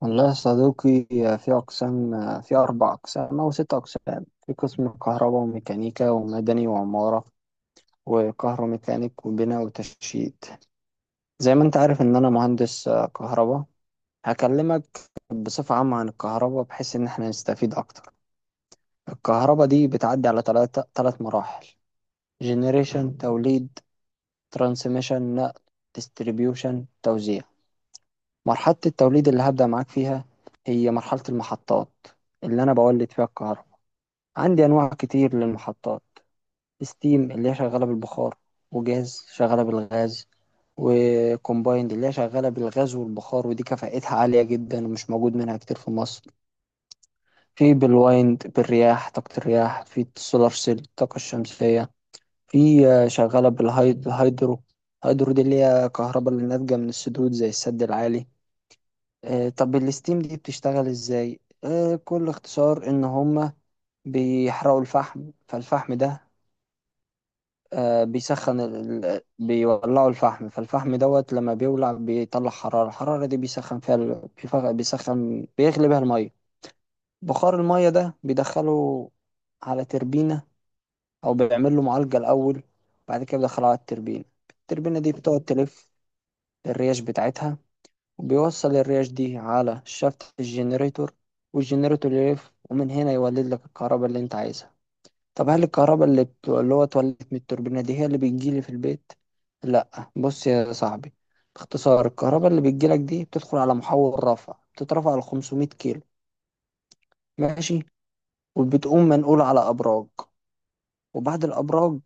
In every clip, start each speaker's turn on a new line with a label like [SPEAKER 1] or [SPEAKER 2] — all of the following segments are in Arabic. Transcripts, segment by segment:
[SPEAKER 1] والله يا صديقي، في أقسام. في أربع أقسام أو ست أقسام. في قسم كهرباء وميكانيكا ومدني وعمارة وكهروميكانيك وبناء وتشييد. زي ما أنت عارف إن أنا مهندس كهرباء. هكلمك بصفة عامة عن الكهرباء بحيث إن إحنا نستفيد أكتر. الكهرباء دي بتعدي على تلاتة تلات مراحل: جنريشن توليد، ترانسميشن نقل، ديستريبيوشن توزيع. مرحلة التوليد اللي هبدأ معاك فيها هي مرحلة المحطات اللي أنا بولد فيها الكهرباء. عندي أنواع كتير للمحطات: ستيم اللي هي شغالة بالبخار، وجاز شغالة بالغاز، وكومبايند اللي هي شغالة بالغاز والبخار ودي كفاءتها عالية جدا ومش موجود منها كتير في مصر. في بالوايند بالرياح طاقة الرياح، في السولار سيل الطاقة الشمسية، في شغالة بالهيدرو. الهيدرو دي اللي هي كهرباء اللي ناتجة من السدود زي السد العالي. طب الستيم دي بتشتغل ازاي؟ كل اختصار ان هما بيحرقوا الفحم. فالفحم ده بيسخن بيولعوا الفحم، فالفحم دوت لما بيولع بيطلع حرارة، الحرارة دي بيسخن فيها بيسخن بيغلي بيها المية. بخار المية ده بيدخله على تربينة، أو بيعمل له معالجة الأول بعد كده بيدخله على التربينة. التربينة دي بتقعد تلف الرياش بتاعتها، وبيوصل الرياش دي على شافت الجنريتور، والجنريتور يلف، ومن هنا يولد لك الكهرباء اللي انت عايزها. طب هل الكهرباء اللي اللي هو اتولدت من التوربينة دي هي اللي بتجيلي في البيت؟ لا، بص يا صاحبي، باختصار الكهرباء اللي بتجيلك دي بتدخل على محول رفع، بتترفع ل 500 كيلو. ماشي. وبتقوم منقولة على أبراج، وبعد الأبراج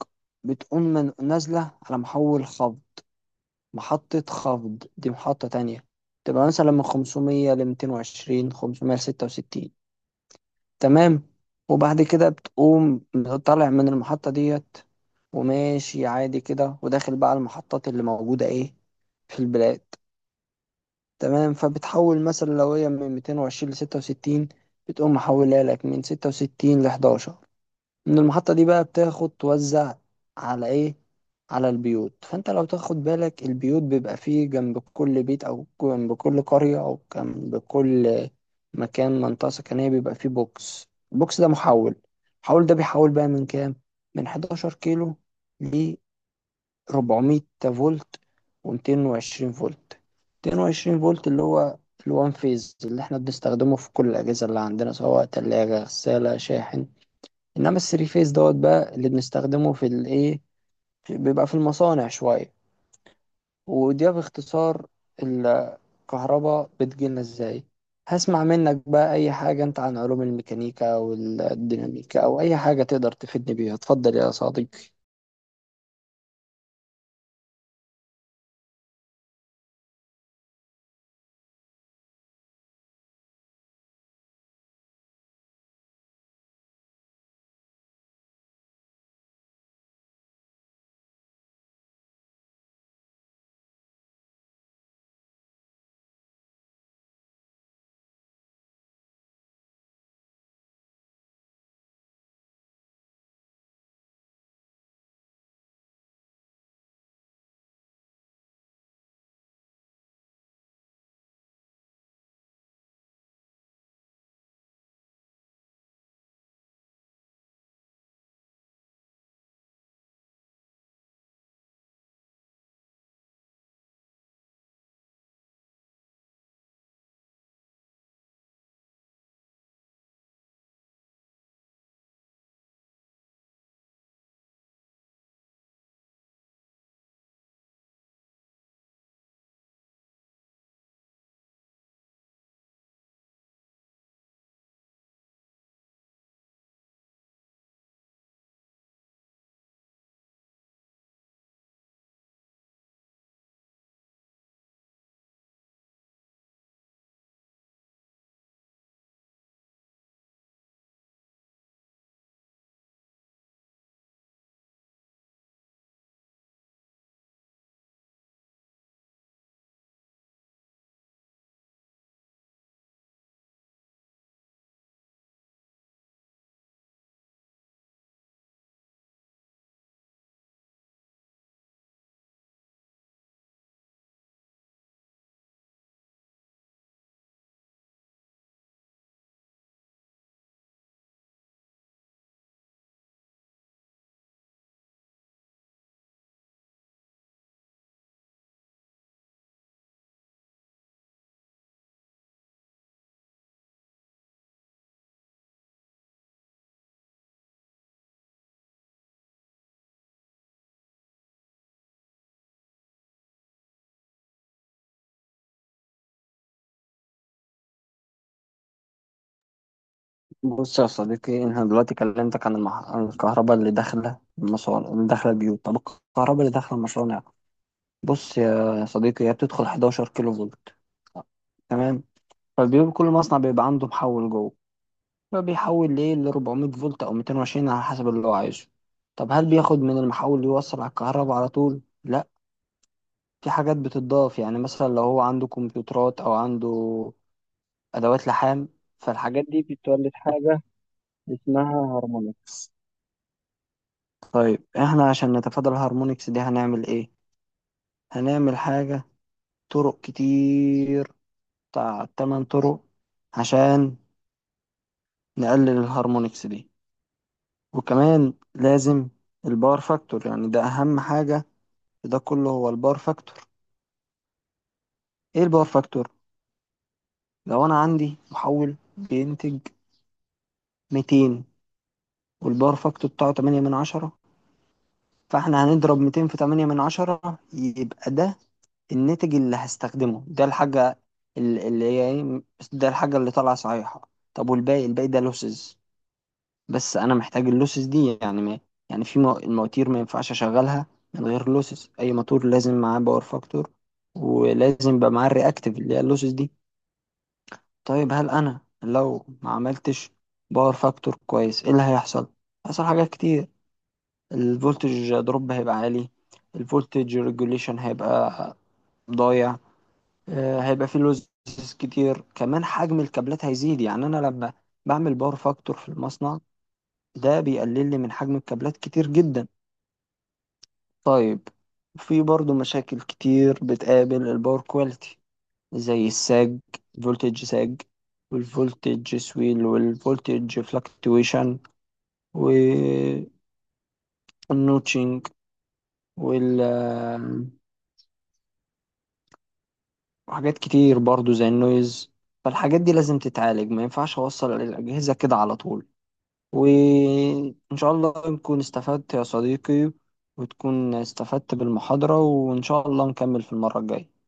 [SPEAKER 1] بتقوم من نازلة على محول خفض. محطة خفض دي محطة تانية، تبقى مثلا من 500 ل 220 566. تمام. وبعد كده بتقوم طالع من المحطة ديت، وماشي عادي كده، وداخل بقى على المحطات اللي موجودة ايه في البلاد. تمام. فبتحول مثلا لو هي من 220 ل 66، بتقوم محولها لك من 66 ل 11. من المحطة دي بقى بتاخد توزع على ايه؟ على البيوت. فانت لو تاخد بالك البيوت بيبقى فيه جنب كل بيت او جنب كل قرية او جنب كل مكان منطقة سكنية بيبقى فيه بوكس. البوكس ده محول. المحول ده بيحول بقى من كام؟ من 11 كيلو ل 400 فولت و220 فولت. 220 فولت اللي هو الوان فيز اللي احنا بنستخدمه في كل الأجهزة اللي عندنا سواء تلاجة، غسالة، شاحن. انما الثري فيز دوت بقى اللي بنستخدمه في الايه، بيبقى في المصانع شويه. وده باختصار الكهرباء بتجيلنا ازاي. هسمع منك بقى اي حاجه انت عن علوم الميكانيكا والديناميكا او اي حاجه تقدر تفيدني بيها. اتفضل يا صديقي. بص يا صديقي، انا دلوقتي كلمتك عن، عن الكهرباء اللي داخله المصانع اللي داخله البيوت. طب الكهرباء اللي داخله المصانع، بص يا صديقي، هي بتدخل 11 كيلو فولت. تمام. فالبيوت كل مصنع بيبقى عنده محول جوه، هو بيحول ليه ل 400 فولت او 220 على حسب اللي هو عايزه. طب هل بياخد من المحول يوصل على الكهرباء على طول؟ لا، في حاجات بتضاف. يعني مثلا لو هو عنده كمبيوترات او عنده ادوات لحام، فالحاجات دي بتولد حاجة اسمها هارمونكس. طيب احنا عشان نتفادى الهارمونكس دي هنعمل ايه؟ هنعمل حاجة، طرق كتير، بتاع 8 طرق عشان نقلل الهارمونكس دي. وكمان لازم الباور فاكتور، يعني ده اهم حاجة، ده كله هو الباور فاكتور. ايه الباور فاكتور؟ لو انا عندي محول بينتج 200، والباور فاكتور بتاعه 8 من 10، فاحنا هنضرب 200 في 8 من 10، يبقى ده الناتج اللي هستخدمه، ده الحاجة اللي هي ايه، ده الحاجة اللي طالعة صحيحة. طب والباقي، الباقي ده لوسز. بس انا محتاج اللوسز دي، يعني ما، يعني في المواتير ما ينفعش اشغلها من غير لوسز. اي موتور لازم معاه باور فاكتور، ولازم يبقى معاه الرياكتيف اللي هي اللوسز دي. طيب هل انا لو ما عملتش باور فاكتور كويس، ايه اللي هيحصل؟ هيحصل حاجات كتير. الفولتج دروب هيبقى عالي، الفولتج ريجوليشن هيبقى ضايع، هيبقى فيه لوزز كتير، كمان حجم الكابلات هيزيد. يعني انا لما بعمل باور فاكتور في المصنع، ده بيقلل لي من حجم الكابلات كتير جدا. طيب، في برضو مشاكل كتير بتقابل الباور كواليتي، زي الساج، فولتج ساج، والفولتج سويل، والفولتج فلكتويشن، والنوتشنج، وال، وحاجات كتير برضو زي النويز. فالحاجات دي لازم تتعالج، ما ينفعش اوصل الأجهزة كده على طول. وإن شاء الله نكون استفدت يا صديقي، وتكون استفدت بالمحاضرة، وإن شاء الله نكمل في المرة الجاية.